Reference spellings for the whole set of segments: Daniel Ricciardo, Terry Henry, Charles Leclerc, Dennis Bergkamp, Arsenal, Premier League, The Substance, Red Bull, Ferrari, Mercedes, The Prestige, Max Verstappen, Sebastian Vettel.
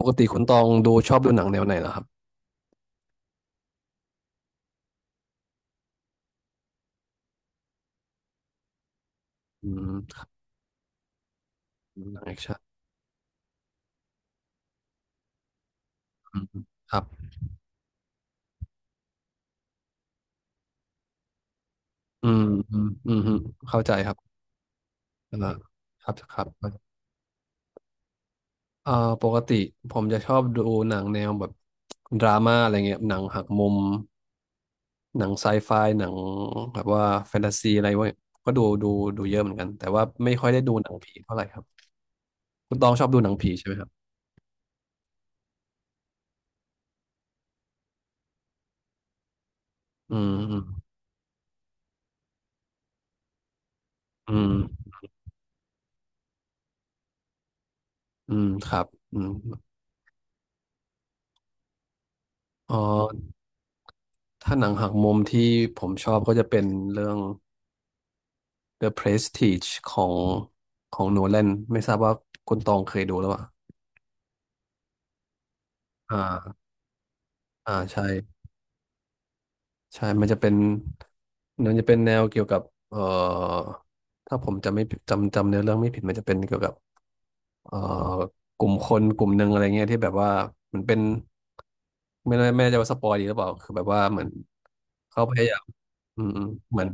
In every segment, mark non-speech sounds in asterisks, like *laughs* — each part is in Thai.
ปกติคุณตองดูชอบดูหนังแนวไหนเหรอครับอืมหนังแอคชั่นอืมครับอืมอืมอืมอืมเข้าใจครับอ่าครับครับเอ่อปกติผมจะชอบดูหนังแนวแบบดราม่าอะไรเงี้ยหนังหักมุมหนังไซไฟหนังแบบว่าแฟนตาซีอะไรเว้ยก็ดูดูเยอะเหมือนกันแต่ว่าไม่ค่อยได้ดูหนังผีเท่าไหร่ครับคุณตองชอบดูหนังผีใช่ไหมครับอืมอืมอืมอืมครับอืมอ๋อถ้าหนังหักมุมที่ผมชอบก็จะเป็นเรื่อง The Prestige ของโนแลนไม่ทราบว่าคุณตองเคยดูหรือเปล่าอ่าอ่าใช่ใช่มันจะเป็นมันจะเป็นแนวเกี่ยวกับเอ่อถ้าผมจำไม่ผิดจำเนื้อเรื่องไม่ผิดมันจะเป็นเกี่ยวกับเอ่อกลุ่มคนกลุ่มหนึ่งอะไรเงี้ยที่แบบว่ามันเป็นไม่แน่ใจว่าสปอยดีหรือเปล่าคือแบบว่าเหมือนเขาพยายามอืมอืมเหมือน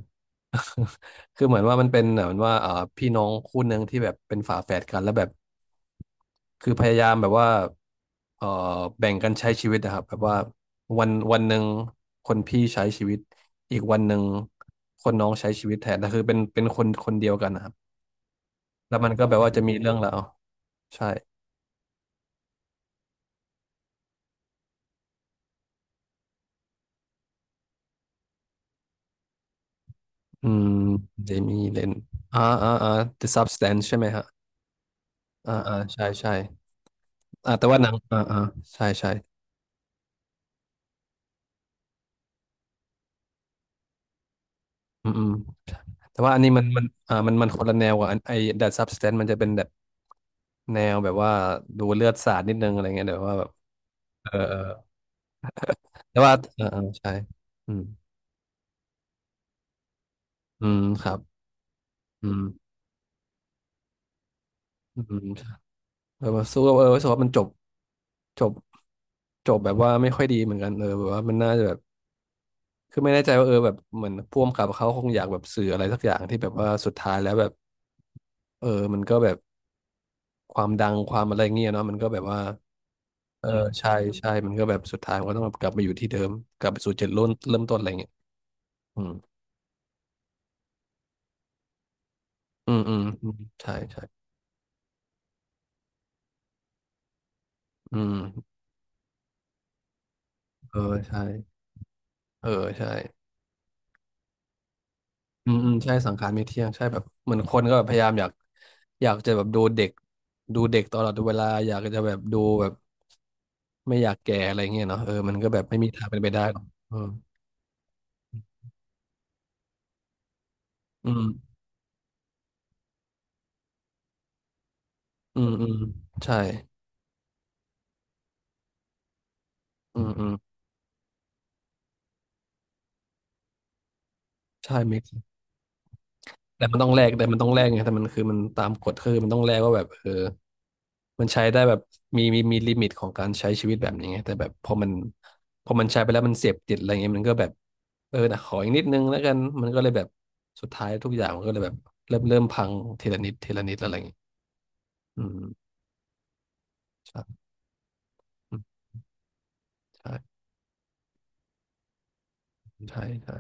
คือเหมือนว่ามันเป็นเหมือนว่าพี่น้องคู่หนึ่งที่แบบเป็นฝาแฝดกันแล้วแบบคือพยายามแบบว่าเอ่อแบ่งกันใช้ชีวิตนะครับแบบว่าวันวันหนึ่งคนพี่ใช้ชีวิตอีกวันหนึ่งคนน้องใช้ชีวิตแทนแต่คือเป็นคนคนเดียวกันนะครับแล้วมันก็แบบว่าจะมีเรื่องราวใช่อืมเจมี่เลนอ่าอ่าอ่า The Substance ใช่ไหมฮะอ่าอ่าใช่ใช่อ่าแต่ว่าหนังอ่าอ่าใช่ใช่อืมอืม แต่ว่าอันนี้มันมันอ่ามันมันคนละแนวกับอันไอ้ That Substance มันจะเป็นแบบแนวแบบว่าดูเลือดสาดนิดนึงอะไรเงี้ยแต่ว่าแบบเออเออแต่ว่าเออเออใช่อืมอืมครับอืมอืมใช่เออสู้กับเออรู้สึกว่ามันจบจบจบแบบว่าไม่ค่อยดีเหมือนกันเออแบบว่ามันน่าจะแบบคือไม่แน่ใจว่าเออแบบเหมือนพ่วงกับเขาคงอยากแบบสื่ออะไรสักอย่างที่แบบว่าสุดท้ายแล้วแบบเออมันก็แบบความดังความอะไรเงี้ยเนาะมันก็แบบว่า เออใช่ใช่มันก็แบบสุดท้ายมันก็ต้องแบบกลับมาอยู่ที่เดิมกลับไปสู่จุดเริ่มต้นอะไรเงี้ยอืมอืมอืมอืมใช่ใช่อืมเออใช่เออใช่อืมอืมใช่สังขารไม่เที่ยงใช่แบบเหมือนคนก็แบบพยายามอยากอยากจะแบบดูเด็กดูเด็กตลอดเวลาอยากจะแบบดูแบบไม่อยากแก่อะไรเงี้ยเนาะเออมันก็แบบไม่มีทางเป็นไปได้หรอกเอออืมอืมอืมใช่อืมอืมใช่ make แต่มันต้องแลกแต่มันต้องแลกไงแต่มันคือมันตามกฎคือมันต้องแลกว่าแบบเออมันใช้ได้แบบมีลิมิตของการใช้ชีวิตแบบนี้ไงแต่แบบพอมันพอมันใช้ไปแล้วมันเสพติดอะไรเงี้ยมันก็แบบเออนะขออีกนิดนึงแล้วกันมันก็เลยแบบสุดท้ายทุกอย่างมันก็เลยแบบเริ่มพังทีละนิดทีละนิดอะไรเงี้ยอืมใช่อืมใช่ใช่ใช่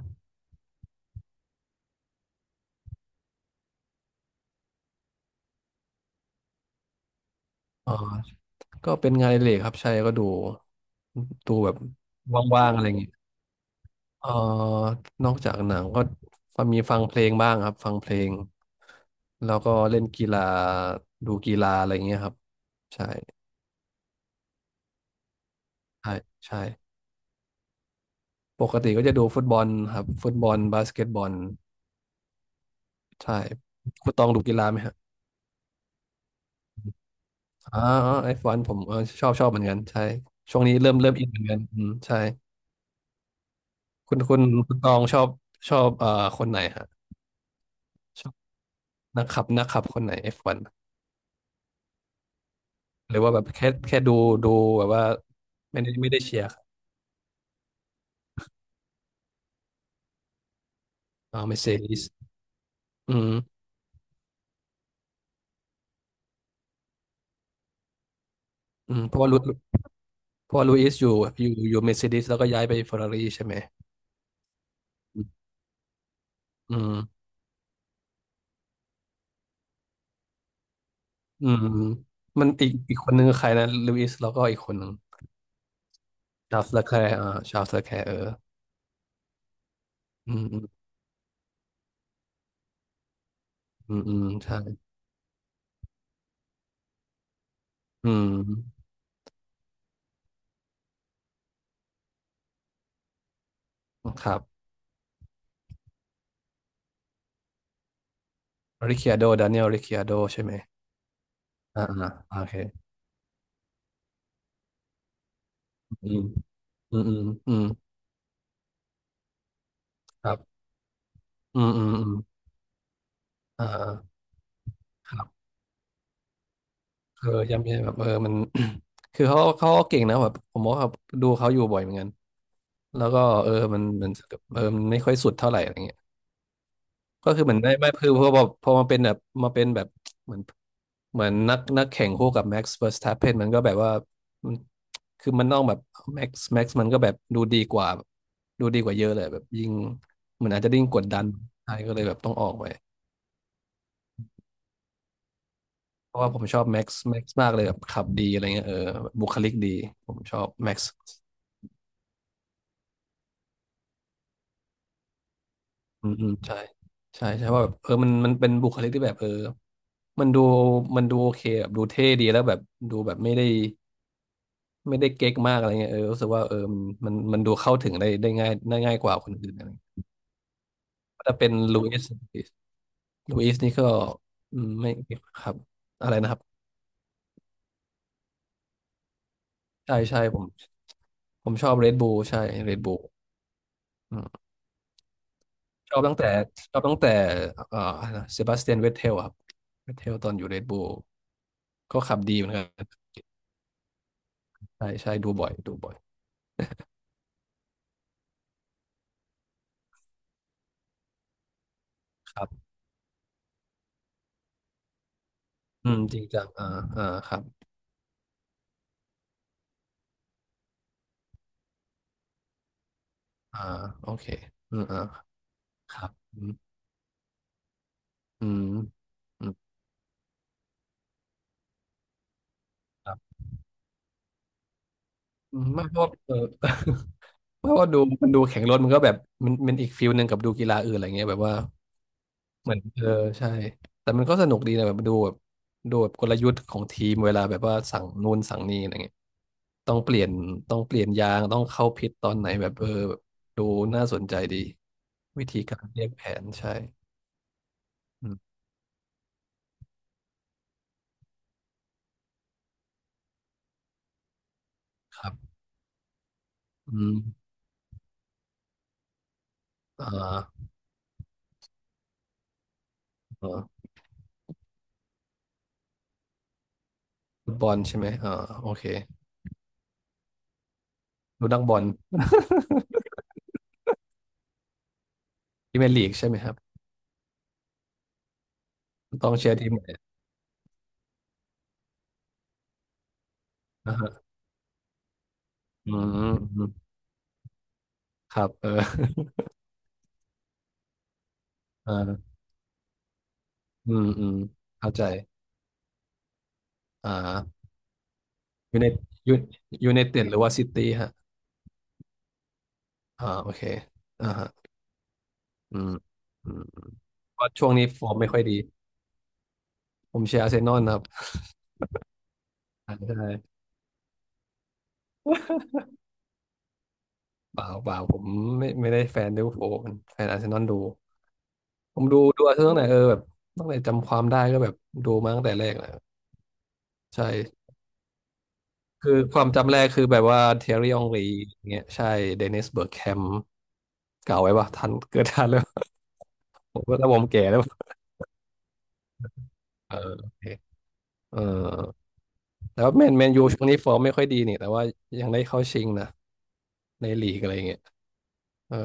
อ๋อก็เป็นงานอดิเรกครับใช่ก็ดูดูแบบว่างๆอะไรเงี้ย เอ่อนอกจากหนังก็ฟังมีฟังเพลงบ้างครับฟังเพลงแล้วก็เล่นกีฬาดูกีฬาอะไรอย่างเงี้ยครับใช่ใช่ใช่ปกติก็จะดูฟุตบอลครับฟุตบอลบาสเกตบอลใช่คุณตองดูกีฬาไหมฮะอ๋อไอฟวันผมเออชอบเหมือนกันใช่ช่วงนี้เริ่มอินเหมือนกันอืมใช่คุณคุณตองชอบชอบเอ่อคนไหนฮะชอบนักขับคนไหนเอฟวันหรือว่าแบบแค่ดูดูแบบว่าไม่ได้เชียร์ อ่าเมเซดิสอืมอืมเพราะว่าลุยสอยู่อยู่เมเซดิสแล้วก็ย้ายไปเฟอร์รารี่ใช่ไหมอืมอืมมันอีกคนนึงคือใครนะลุยสแล้วก็อีกคนหนึ่งชาร์ลส์เล c แคร์อ่าชาร์ลส์เล c แคร์เอออืมอืมอืมอืมใช่อืมครับริค i าโดดานิเอลริค i าโดใช่ไหมอ่าอ่าโอเคอืมอืมอืมอืมครับอืมอืมอืมอ่าครับเออย่ำแย่แบบเออมัน *coughs* *clears throat* คือเขาก็เก่งนะแบบผมว่าแบบดูเขาอยู่บ่อยเหมือนกัน แล้วก็เออมันมันไม่ค่อยสุดเท่าไหร่อะไรเงี้ยก็คือเหมือนได้ไม่คือพอมาเป็นแบบมาเป็นแบบเหมือนเหมือนนักแข่งคู่กับแม็กซ์เวอร์สแตปเนมันก็แบบว่ามันคือมันต้องแบบแม็กซ์มันก็แบบดูดีกว่าดูดีกว่าเยอะเลยแบบยิ่งเหมือนอาจจะยิ่งกดดันใช่ก็เลยแบบต้องออกไปเพราะว่าผมชอบแม็กซ์มากเลยแบบขับดีอะไรเงี้ยเออบุคลิกดีผมชอบแม็กซ์ อืมอืมใช่ใช่ใช่ว่าแบบเออมันเป็นบุคลิกที่แบบเออมันดูมันดูโอเคแบบดูเท่ดีแล้วแบบดูแบบไม่ได้ไม่ได้เก๊กมากอะไรเงี้ยเออรู้สึกว่าเออมันดูเข้าถึงได้ได้ง่ายได้ง่ายกว่าคนอื่นอะไรเงี้ยถ้าเป็นลูอิสลูอิสนี่ก็อืมไม่ครับอะไรนะครับใช่ใช่ผมผมชอบเรดบู l ใช่เรดบู l อืมชอบตั้งแต่ชอบตั้งแต่เอ่อเซบาสเตียนเวทเทลครับเวทเทลตอนอยู่เรดบู l ก็ขับดีเหมือนกัน ใช่ใช่ดูบ่อยดูบ่อยครับอืมจริงจังอ่าอ่าครับอ่าโอเคอืมอ่าครับอืมอืมอืมครับอืมไม่เพราะเออ *laughs* เพราะว่าดูมันดูแข่งรถมันก็แบบมันอีกฟิลหนึ่งกับดูกีฬาอื่นอะไรเงี้ยแบบว่าเหมือนเออใช่แต่มันก็สนุกดีนะแบบดูแบบดูแบบกลยุทธ์ของทีมเวลาแบบว่าสั่งนู่นสั่งนี่อะไรเงี้ยต้องเปลี่ยนต้องเปลี่ยนยางต้องเข้าพิทตอนไหนแบบเออแบบดูน่าสนใจดีวิธีการเรียกแผนใช่อืมครับ อืมอ่าอ่าฟุตบอลใช่ไหมอ่าโอเคดูนักบอลพรีเมียร์ลีกใช่ไหมครับ ต้องเชียร์ทีมไหนอ่าฮะอืมอืมครับเออ *laughs* อ่าอืมอืมเข้าใจอ่ายูไนยูยูไนเต็ดหรือว่าซิตี้ฮะอ่าโอเคอ่าฮะอืมอืมอืมเพราะช่วงนี้ฟอร์มไม่ค่อยดี ผมเชียร์อาร์เซนอลครับอ่าใช่เปล่าเปล่าผมไม่ได้แฟนลิเวอร์พูลผมแฟนอาร์เซนอลดู ผมดูอาร์เซนอลตั้งแต่เออแบบตั้งแต่จำความได้ก็แบบดูมาตั้งแต่แรกแหละ ใช่คือความจำแรกคือแบบว่าเทอรี่องรีเงี้ยใช่เดนิสเบิร์กแคมเก่าไว้ปะทัน *laughs* เกิดทันแล้ว *laughs* ผมกแล้วผมแก่แล้วเออโอเคเออแต่ว่าแมนยูช่วงนี้ฟอร์มไม่ค่อยดีนี่แต่ว่ายังได้เข้าชิงนะในลีกอะไรเงี้ยเออ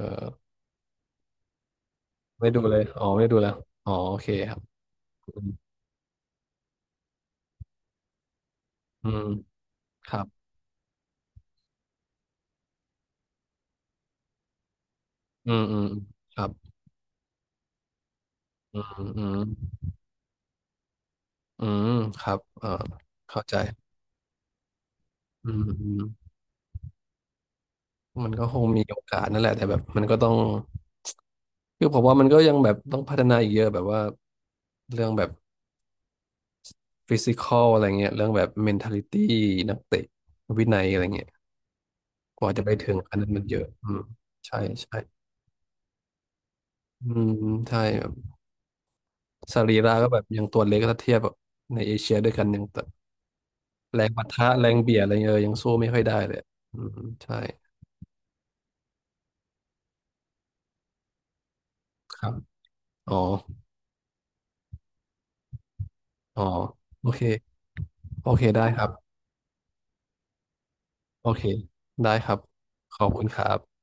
ไม่ดูเลยอ๋อไม่ดูแล้วอ๋อโอเคครับอืมครับอืมอืมครับอืมอืมอืมครับเออเข้าใจอืมอืมมันก็คงมีโอกาสนั่นแหละแต่แบบมันก็ต้อง คือผมว่ามันก็ยังแบบต้องพัฒนาอีกเยอะแบบว่าเรื่องแบบฟิสิคอลอะไรเงี้ยเรื่องแบบเมนท a ลิตี้นักเตะวินัยอะไรเงี้ยกว่าจะไปถึงอันนั้นมันเยอะอืมใช่ใช่อืมใช่แบบสรีระก็แบบยังตัวเล็กถ้าเทียบแบบในเอเชียด้วยกันยังแบบแรงปะทะแรงเบียดอะไรเงี้ยเออยังสู้ไม่ค่อยได้เลยอืมใช่ครับอ๋ออ๋อโอเคโอเคได้ครับโอเคได้ครับขอบคุณครับ